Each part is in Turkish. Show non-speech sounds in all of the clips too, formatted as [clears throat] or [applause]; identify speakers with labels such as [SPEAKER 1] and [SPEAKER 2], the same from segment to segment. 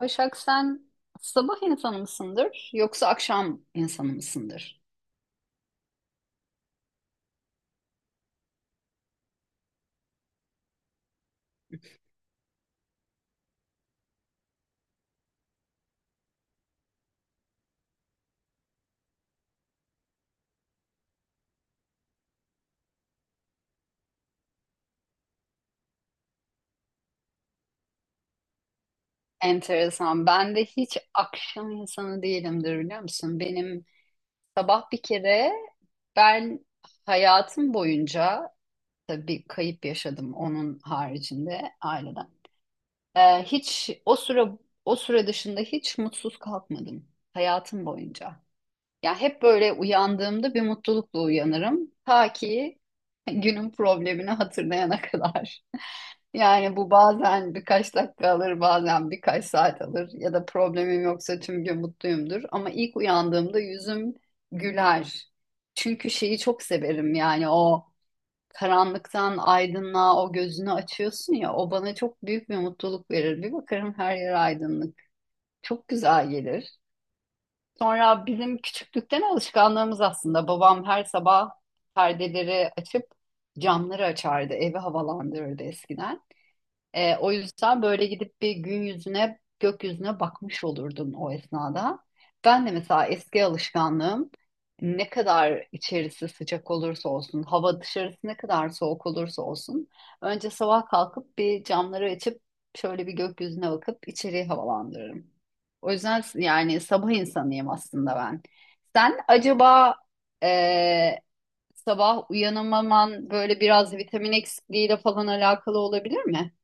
[SPEAKER 1] Başak sen sabah insanı mısındır yoksa akşam insanı mısındır? Enteresan. Ben de hiç akşam insanı değilimdir biliyor musun? Benim sabah bir kere ben hayatım boyunca tabii kayıp yaşadım onun haricinde aileden. Hiç o süre o süre dışında hiç mutsuz kalkmadım hayatım boyunca. Ya hep böyle uyandığımda bir mutlulukla uyanırım. Ta ki günün problemini hatırlayana kadar. [laughs] Yani bu bazen birkaç dakika alır, bazen birkaç saat alır. Ya da problemim yoksa tüm gün mutluyumdur. Ama ilk uyandığımda yüzüm güler. Çünkü şeyi çok severim yani o karanlıktan aydınlığa o gözünü açıyorsun ya, o bana çok büyük bir mutluluk verir. Bir bakarım her yer aydınlık. Çok güzel gelir. Sonra bizim küçüklükten alışkanlığımız aslında. Babam her sabah perdeleri açıp camları açardı, evi havalandırırdı eskiden. O yüzden böyle gidip bir gün yüzüne, gökyüzüne bakmış olurdun o esnada. Ben de mesela eski alışkanlığım, ne kadar içerisi sıcak olursa olsun, hava dışarısı ne kadar soğuk olursa olsun, önce sabah kalkıp bir camları açıp şöyle bir gökyüzüne bakıp içeriği havalandırırım. O yüzden yani sabah insanıyım aslında ben. Sen acaba e, sabah uyanamaman böyle biraz vitamin eksikliğiyle falan alakalı olabilir mi?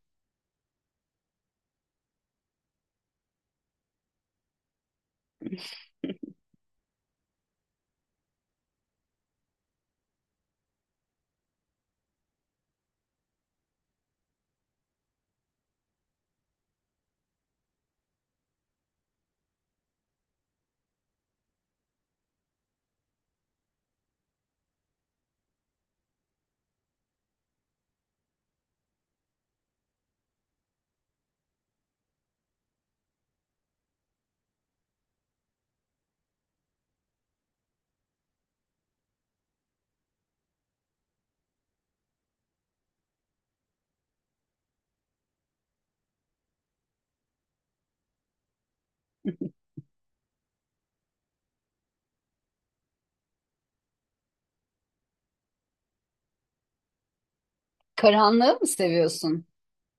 [SPEAKER 1] Karanlığı mı seviyorsun?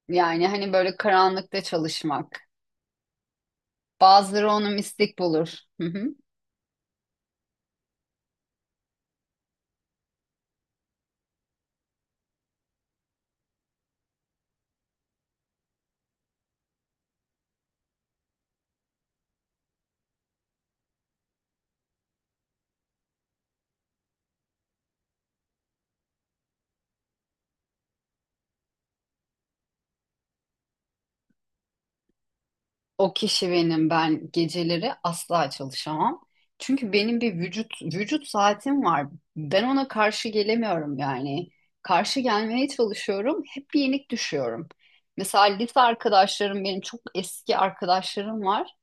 [SPEAKER 1] Yani hani böyle karanlıkta çalışmak. Bazıları onu mistik bulur. Hı hı. O kişi benim. Ben geceleri asla çalışamam. Çünkü benim bir vücut saatim var. Ben ona karşı gelemiyorum yani. Karşı gelmeye çalışıyorum. Hep yenik düşüyorum. Mesela lise arkadaşlarım, benim çok eski arkadaşlarım var.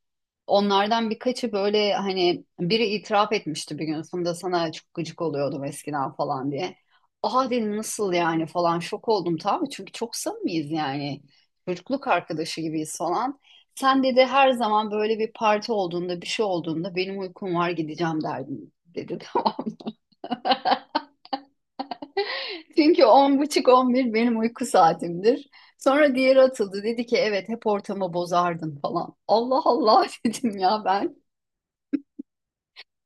[SPEAKER 1] Onlardan birkaçı böyle hani biri itiraf etmişti bir gün, "Funda sana çok gıcık oluyordum eskiden" falan diye. Aa dedim, nasıl yani falan, şok oldum tabii çünkü çok samimiyiz yani. Çocukluk arkadaşı gibiyiz falan. Sen dedi, her zaman böyle bir parti olduğunda bir şey olduğunda, "benim uykum var, gideceğim" derdin dedi. [laughs] Tamam. Çünkü on buçuk on bir benim uyku saatimdir. Sonra diğeri atıldı, dedi ki evet hep ortamı bozardın falan. Allah Allah, [laughs] dedim ya ben.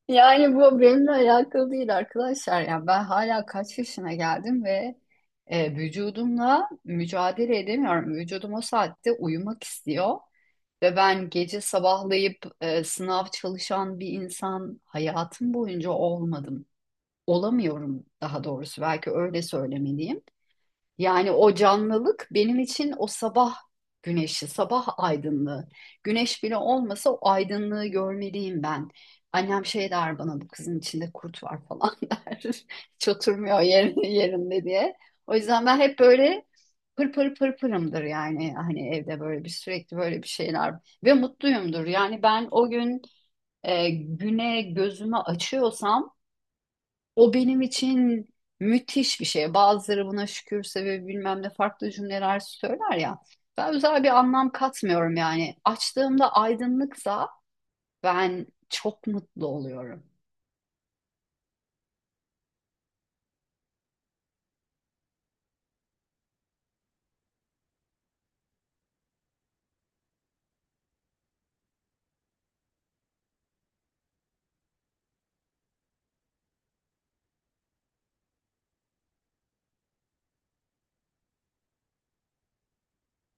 [SPEAKER 1] Yani bu benimle alakalı değil arkadaşlar. Yani ben hala kaç yaşına geldim ve vücudumla mücadele edemiyorum. Vücudum o saatte uyumak istiyor ve ben gece sabahlayıp sınav çalışan bir insan hayatım boyunca olmadım. Olamıyorum daha doğrusu, belki öyle söylemeliyim. Yani o canlılık benim için o sabah güneşi, sabah aydınlığı. Güneş bile olmasa o aydınlığı görmeliyim ben. Annem şey der bana, "bu kızın içinde kurt var" falan [laughs] der. Hiç oturmuyor yerinde, yerinde diye. O yüzden ben hep böyle pır pır pır pırımdır yani. Hani evde böyle bir sürekli böyle bir şeyler ve mutluyumdur. Yani ben o gün güne gözümü açıyorsam, o benim için müthiş bir şey. Bazıları buna şükürse ve bilmem ne farklı cümleler söyler ya. Ben özel bir anlam katmıyorum yani. Açtığımda aydınlıksa ben çok mutlu oluyorum.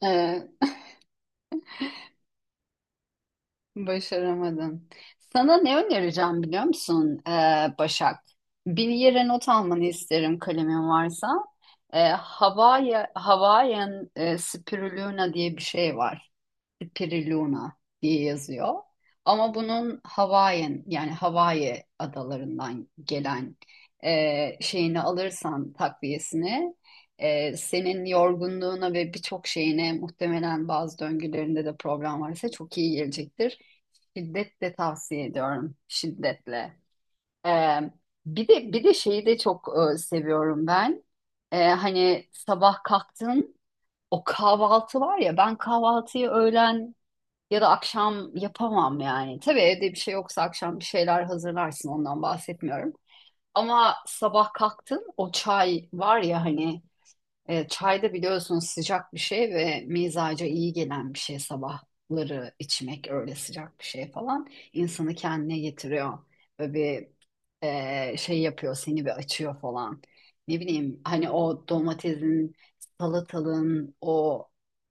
[SPEAKER 1] Ee, Başaramadım. Sana ne önereceğim biliyor musun Başak? Bir yere not almanı isterim kalemin varsa. Havaya, Hawaiian Spirulina diye bir şey var. Piriluna diye yazıyor. Ama bunun Hawaiian yani Hawaii adalarından gelen şeyini alırsan, takviyesini, senin yorgunluğuna ve birçok şeyine, muhtemelen bazı döngülerinde de problem varsa çok iyi gelecektir. Şiddetle tavsiye ediyorum. Şiddetle. E, bir de şeyi de çok seviyorum ben. Hani sabah kalktın, o kahvaltı var ya, ben kahvaltıyı öğlen ya da akşam yapamam yani. Tabii evde bir şey yoksa akşam bir şeyler hazırlarsın, ondan bahsetmiyorum. Ama sabah kalktın o çay var ya hani, çay da biliyorsunuz sıcak bir şey ve mizaca iyi gelen bir şey, sabahları içmek öyle sıcak bir şey falan, insanı kendine getiriyor. Böyle bir şey yapıyor, seni bir açıyor falan. Ne bileyim hani o domatesin, salatalığın o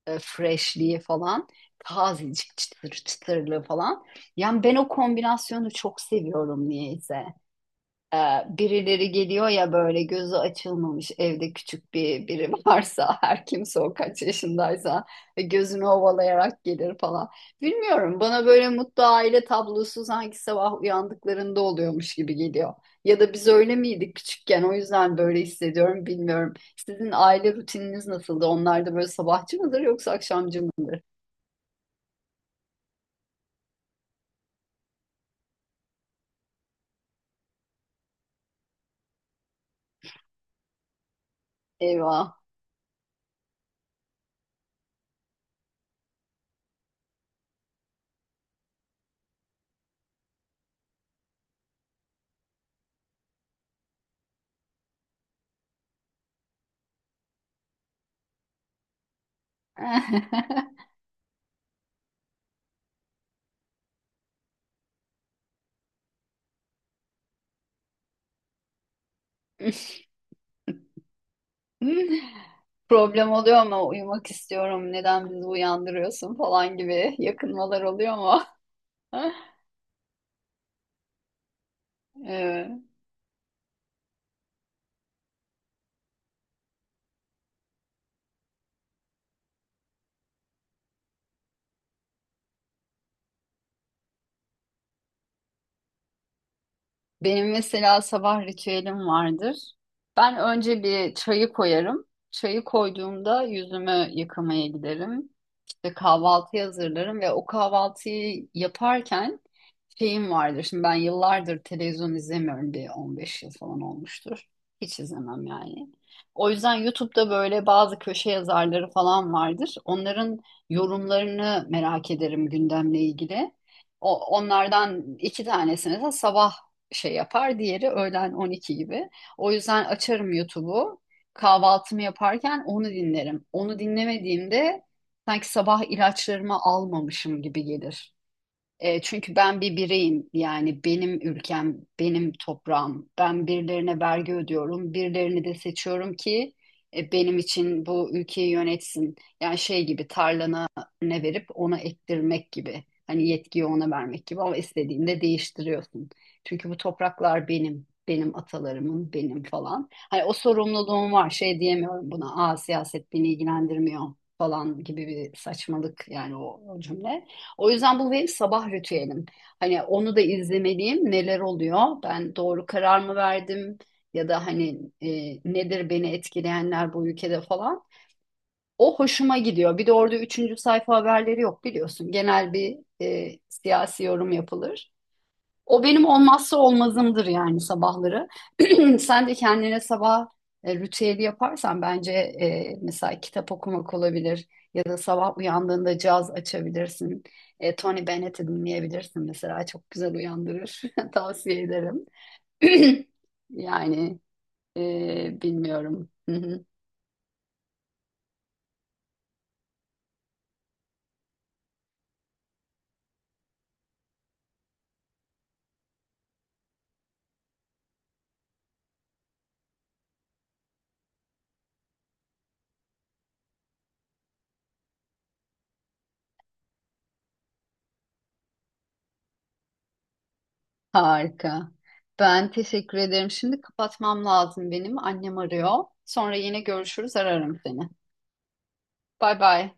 [SPEAKER 1] freshliği falan, tazecik çıtır çıtırlığı falan. Yani ben o kombinasyonu çok seviyorum niyeyse. Ee, Birileri geliyor ya, böyle gözü açılmamış, evde küçük bir biri [laughs] varsa, her kimse o kaç yaşındaysa, ve gözünü ovalayarak gelir falan. Bilmiyorum, bana böyle mutlu aile tablosu sanki sabah uyandıklarında oluyormuş gibi geliyor. Ya da biz öyle miydik küçükken, o yüzden böyle hissediyorum bilmiyorum. Sizin aile rutininiz nasıldı? Onlar da böyle sabahçı mıdır yoksa akşamcı mı? Eyvah. [laughs] Problem oluyor ama uyumak istiyorum. Neden bizi uyandırıyorsun falan gibi yakınmalar oluyor mu? [laughs] Evet. Benim mesela sabah ritüelim vardır. Ben önce bir çayı koyarım. Çayı koyduğumda yüzümü yıkamaya giderim. İşte kahvaltıyı hazırlarım ve o kahvaltıyı yaparken şeyim vardır. Şimdi ben yıllardır televizyon izlemiyorum. Bir 15 yıl falan olmuştur. Hiç izlemem yani. O yüzden YouTube'da böyle bazı köşe yazarları falan vardır. Onların yorumlarını merak ederim gündemle ilgili. Onlardan iki tanesi mesela sabah şey yapar. Diğeri öğlen 12 gibi. O yüzden açarım YouTube'u. Kahvaltımı yaparken onu dinlerim. Onu dinlemediğimde sanki sabah ilaçlarımı almamışım gibi gelir. Çünkü ben bir bireyim yani, benim ülkem, benim toprağım. Ben birilerine vergi ödüyorum, birilerini de seçiyorum ki benim için bu ülkeyi yönetsin. Yani şey gibi, tarlana ne verip ona ektirmek gibi. Hani yetkiyi ona vermek gibi ama istediğinde değiştiriyorsun. Çünkü bu topraklar benim, benim atalarımın, benim falan. Hani o sorumluluğum var, şey diyemiyorum buna. Aa, siyaset beni ilgilendirmiyor falan gibi bir saçmalık yani o cümle. O yüzden bu benim sabah ritüelim. Hani onu da izlemeliyim. Neler oluyor? Ben doğru karar mı verdim? Ya da hani nedir beni etkileyenler bu ülkede falan. O hoşuma gidiyor. Bir de orada üçüncü sayfa haberleri yok biliyorsun. Genel bir siyasi yorum yapılır. O benim olmazsa olmazımdır yani sabahları. [clears throat] Sen de kendine sabah ritüeli yaparsan bence, mesela kitap okumak olabilir ya da sabah uyandığında caz açabilirsin. Tony Bennett'i dinleyebilirsin mesela, çok güzel uyandırır. [laughs] Tavsiye ederim. [clears throat] Yani bilmiyorum. Hı hı. Harika. Ben teşekkür ederim. Şimdi kapatmam lazım benim. Annem arıyor. Sonra yine görüşürüz, ararım seni. Bay bay.